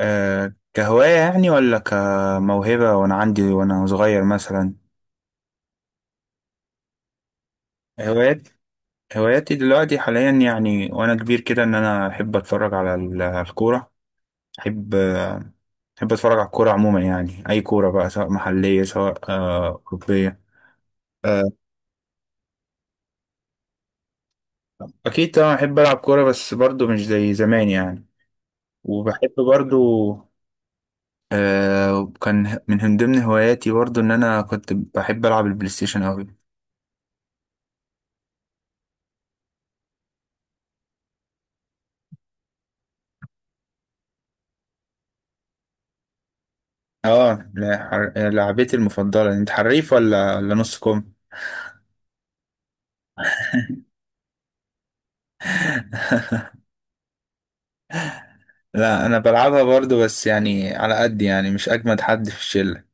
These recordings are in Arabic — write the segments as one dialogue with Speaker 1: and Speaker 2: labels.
Speaker 1: كهواية يعني، ولا كموهبة وأنا عندي وأنا صغير مثلا. هوايات هواياتي دلوقتي حاليا يعني، وأنا كبير كده إن أنا أحب أتفرج على الكورة. أحب آه، أحب أتفرج على الكورة عموما يعني، أي كورة بقى سواء محلية سواء أوروبية. أه أكيد طبعا أحب ألعب كورة، بس برضو مش زي زمان يعني. وبحب برضو. كان من ضمن هواياتي برضو إن أنا كنت بحب ألعب البلاي ستيشن أوي. اه، لا، لعبتي المفضلة. انت حريف ولا نص كم؟ لا، انا بلعبها برضو بس يعني على قد، يعني مش اجمد حد في الشلة.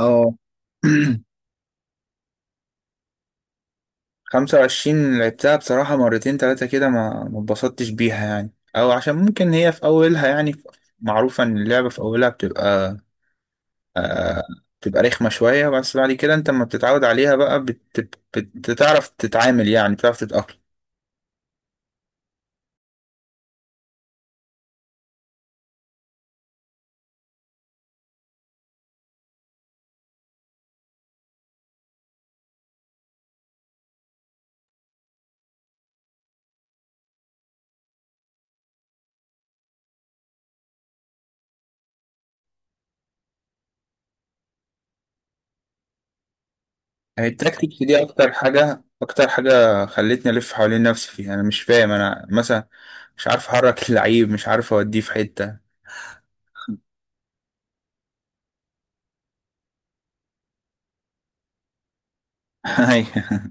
Speaker 1: اه. 25 لعبتها بصراحة مرتين تلاتة كده، ما اتبسطتش بيها يعني، او عشان ممكن هي في اولها يعني معروفة ان اللعبة في اولها آه بتبقى رخمة شوية، بس بعد كده انت لما بتتعود عليها بقى بتعرف تتعامل، يعني بتعرف تتأقلم. يعني التكتيكس دي اكتر حاجه خلتني الف حوالين نفسي فيها. انا مش فاهم، انا مثلا مش عارف احرك اللعيب، مش عارف اوديه في حته. أيوة.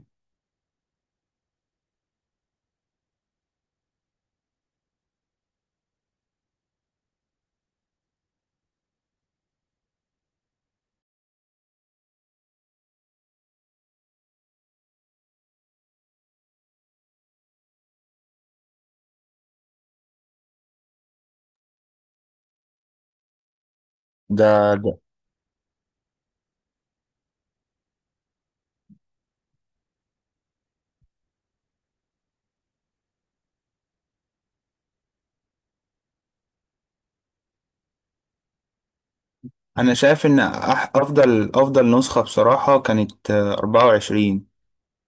Speaker 1: ده ده انا شايف ان افضل نسخه بصراحه كانت 24.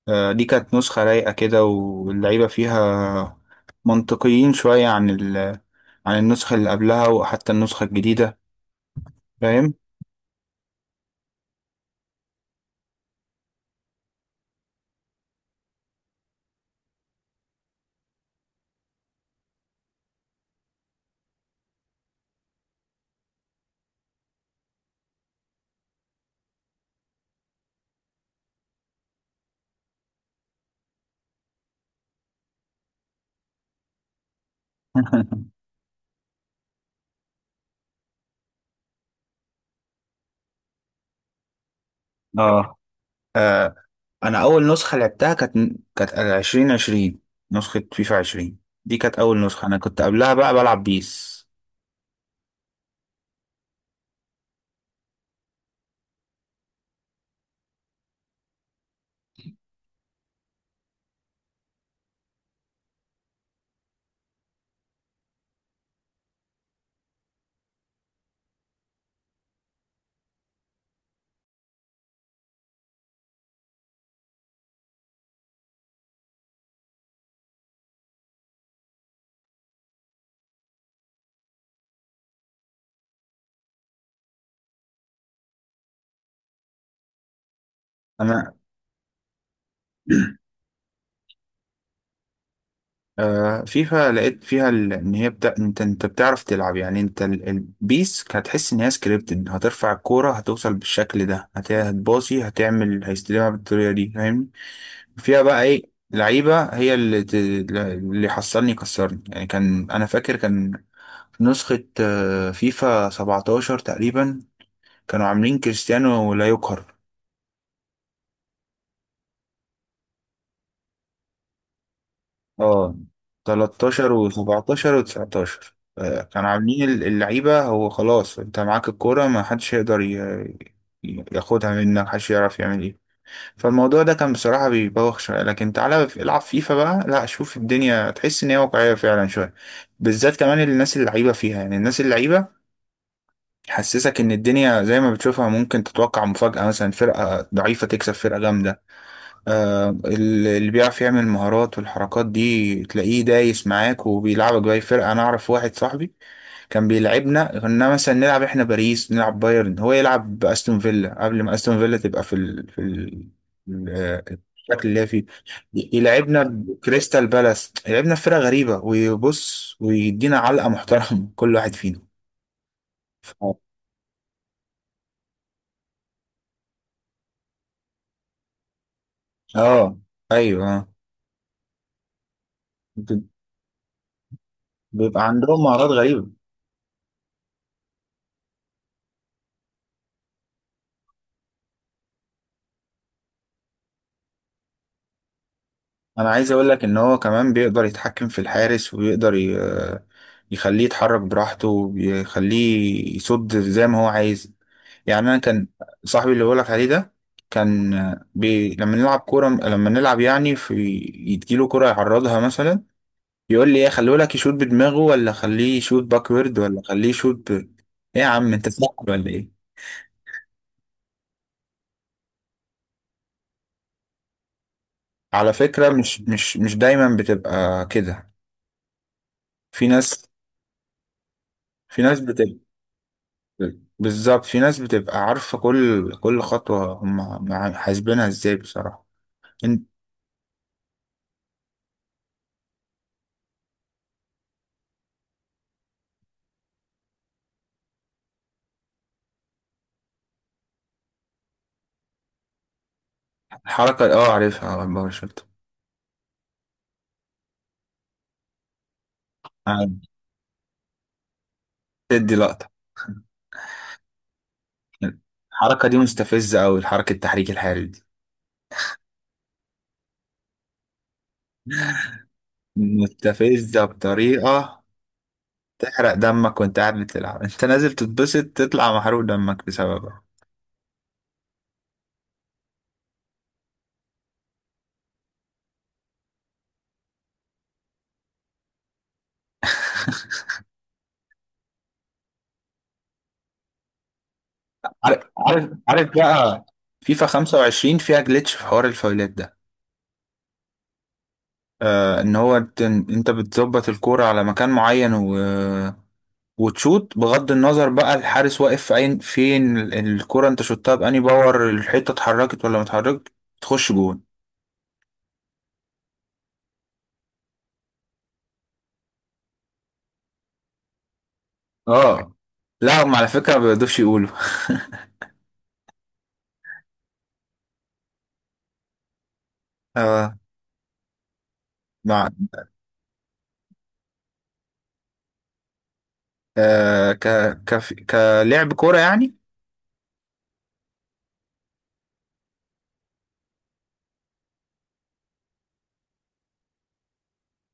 Speaker 1: دي كانت نسخه رايقه كده، واللعيبه فيها منطقيين شويه عن عن النسخه اللي قبلها وحتى النسخه الجديده، فاهم؟ اه انا اول نسخه لعبتها كانت 2020، نسخه فيفا 20. دي كانت اول نسخه، انا كنت قبلها بقى بلعب بيس. انا فيفا لقيت فيها انت بتعرف تلعب يعني. انت البيس هتحس ان هي سكريبتد، هترفع الكوره هتوصل بالشكل ده، هتباصي هتعمل هيستلمها بالطريقه دي، فاهم؟ فيها بقى ايه لعيبه؟ هي اللي اللي حصلني كسرني يعني. كان انا فاكر كان نسخه فيفا 17 تقريبا، كانوا عاملين كريستيانو لا يقهر. اه 13 و17 و19 كانوا عاملين اللعيبة، هو خلاص انت معاك الكورة ما حدش يقدر ياخدها منك، محدش يعرف يعمل ايه. فالموضوع ده كان بصراحة بيبوخ شوية، لكن تعالى العب فيفا بقى، لا شوف الدنيا تحس ان هي واقعية فعلا شوية، بالذات كمان الناس اللعيبة فيها. يعني الناس اللعيبة حسسك ان الدنيا زي ما بتشوفها ممكن تتوقع مفاجأة، مثلا فرقة ضعيفة تكسب فرقة جامدة. اللي بيعرف يعمل المهارات والحركات دي تلاقيه دايس معاك وبيلعبك بأي فرقة. أنا أعرف واحد صاحبي كان بيلعبنا، كنا مثلا نلعب إحنا باريس، نلعب بايرن، هو يلعب بأستون فيلا قبل ما أستون فيلا تبقى في ال... في ال... ال- آه، الشكل اللي هي فيه. يلعبنا بكريستال بالاس، يلعبنا في فرقة غريبة، ويبص ويدينا علقة محترمة كل واحد فينا. ف- اه، ايوه، بيبقى عندهم مهارات غريبة. انا عايز اقول لك ان هو كمان بيقدر يتحكم في الحارس، ويقدر يخليه يتحرك براحته، ويخليه يصد زي ما هو عايز. يعني انا كان صاحبي اللي بقولك عليه ده كان لما نلعب كوره، لما نلعب يعني في، يديله كوره يعرضها مثلا، يقول لي ايه، خليه لك يشوط بدماغه، ولا خليه يشوط باكورد، ولا خليه يشوط ايه يا عم، انت سحر ولا ايه؟ على فكره، مش دايما بتبقى كده. في ناس، في ناس بتبقى بالظبط في ناس بتبقى عارفة كل خطوة، هم حاسبينها ازاي بصراحة إن- الحركة عارفها، على الباور شوت. عارف، تدي لقطة. الحركة دي مستفزة أوي، الحركة التحريك الحرج دي مستفزة بطريقة تحرق دمك وانت قاعد بتلعب. انت نازل تتبسط تطلع محروق دمك بسببها. عارف بقى، فيفا 25 فيها جلitch في حوار الفاولات ده. ان هو انت بتظبط الكورة على مكان معين وتشوط، بغض النظر بقى الحارس واقف في عين فين الكرة، انت شوتها بأني باور، الحتة اتحركت ولا ما اتحركت، تخش جون. اه لا، هم على فكرة ما بيقدرش يقولوا. آه مع آه ك ك كلعب كورة يعني.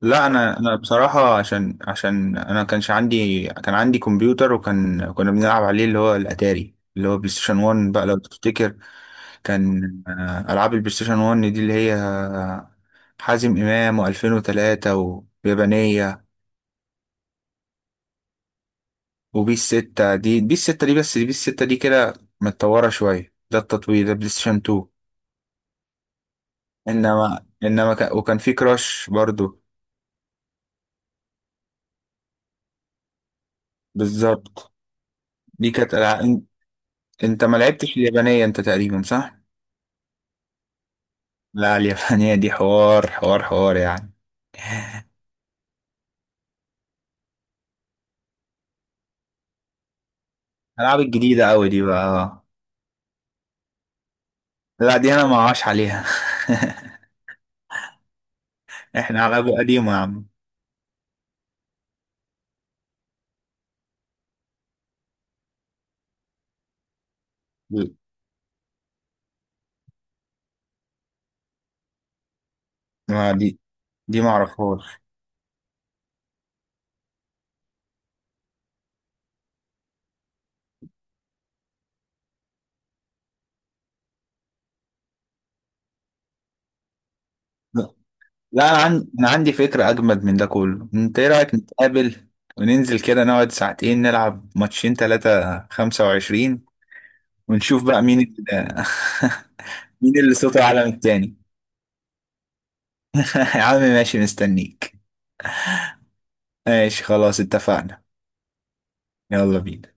Speaker 1: لا، انا بصراحة عشان انا كانش عندي، كان عندي كمبيوتر وكان كنا بنلعب عليه اللي هو الاتاري، اللي هو بلاي ستيشن 1 بقى لو تفتكر. كان ألعاب البلاي ستيشن 1 دي اللي هي حازم إمام و2003 ويابانية، وبيس 6 دي بيس 6 دي، بس بيس 6 دي كده متطورة شوية، ده التطوير ده بلاي ستيشن 2. وكان في كراش برضو. بالظبط، دي كانت ألعاب. أنت ما لعبتش اليابانية أنت تقريبا، صح؟ لا، اليابانية دي حوار حوار حوار يعني. الألعاب الجديدة أوي دي بقى لا دي أنا ما عاش عليها. احنا على أبو قديمة يا عم. ما دي دي ما اعرفهاش. لا انا عندي فكره اجمد من ده كله. انت ايه رايك، نتقابل وننزل كده نقعد ساعتين، نلعب ماتشين ثلاثه 25، ونشوف بقى مين اللي مين اللي صوته اعلى من التاني. يا عم ماشي، مستنيك. ماشي خلاص، اتفقنا. يلا بينا.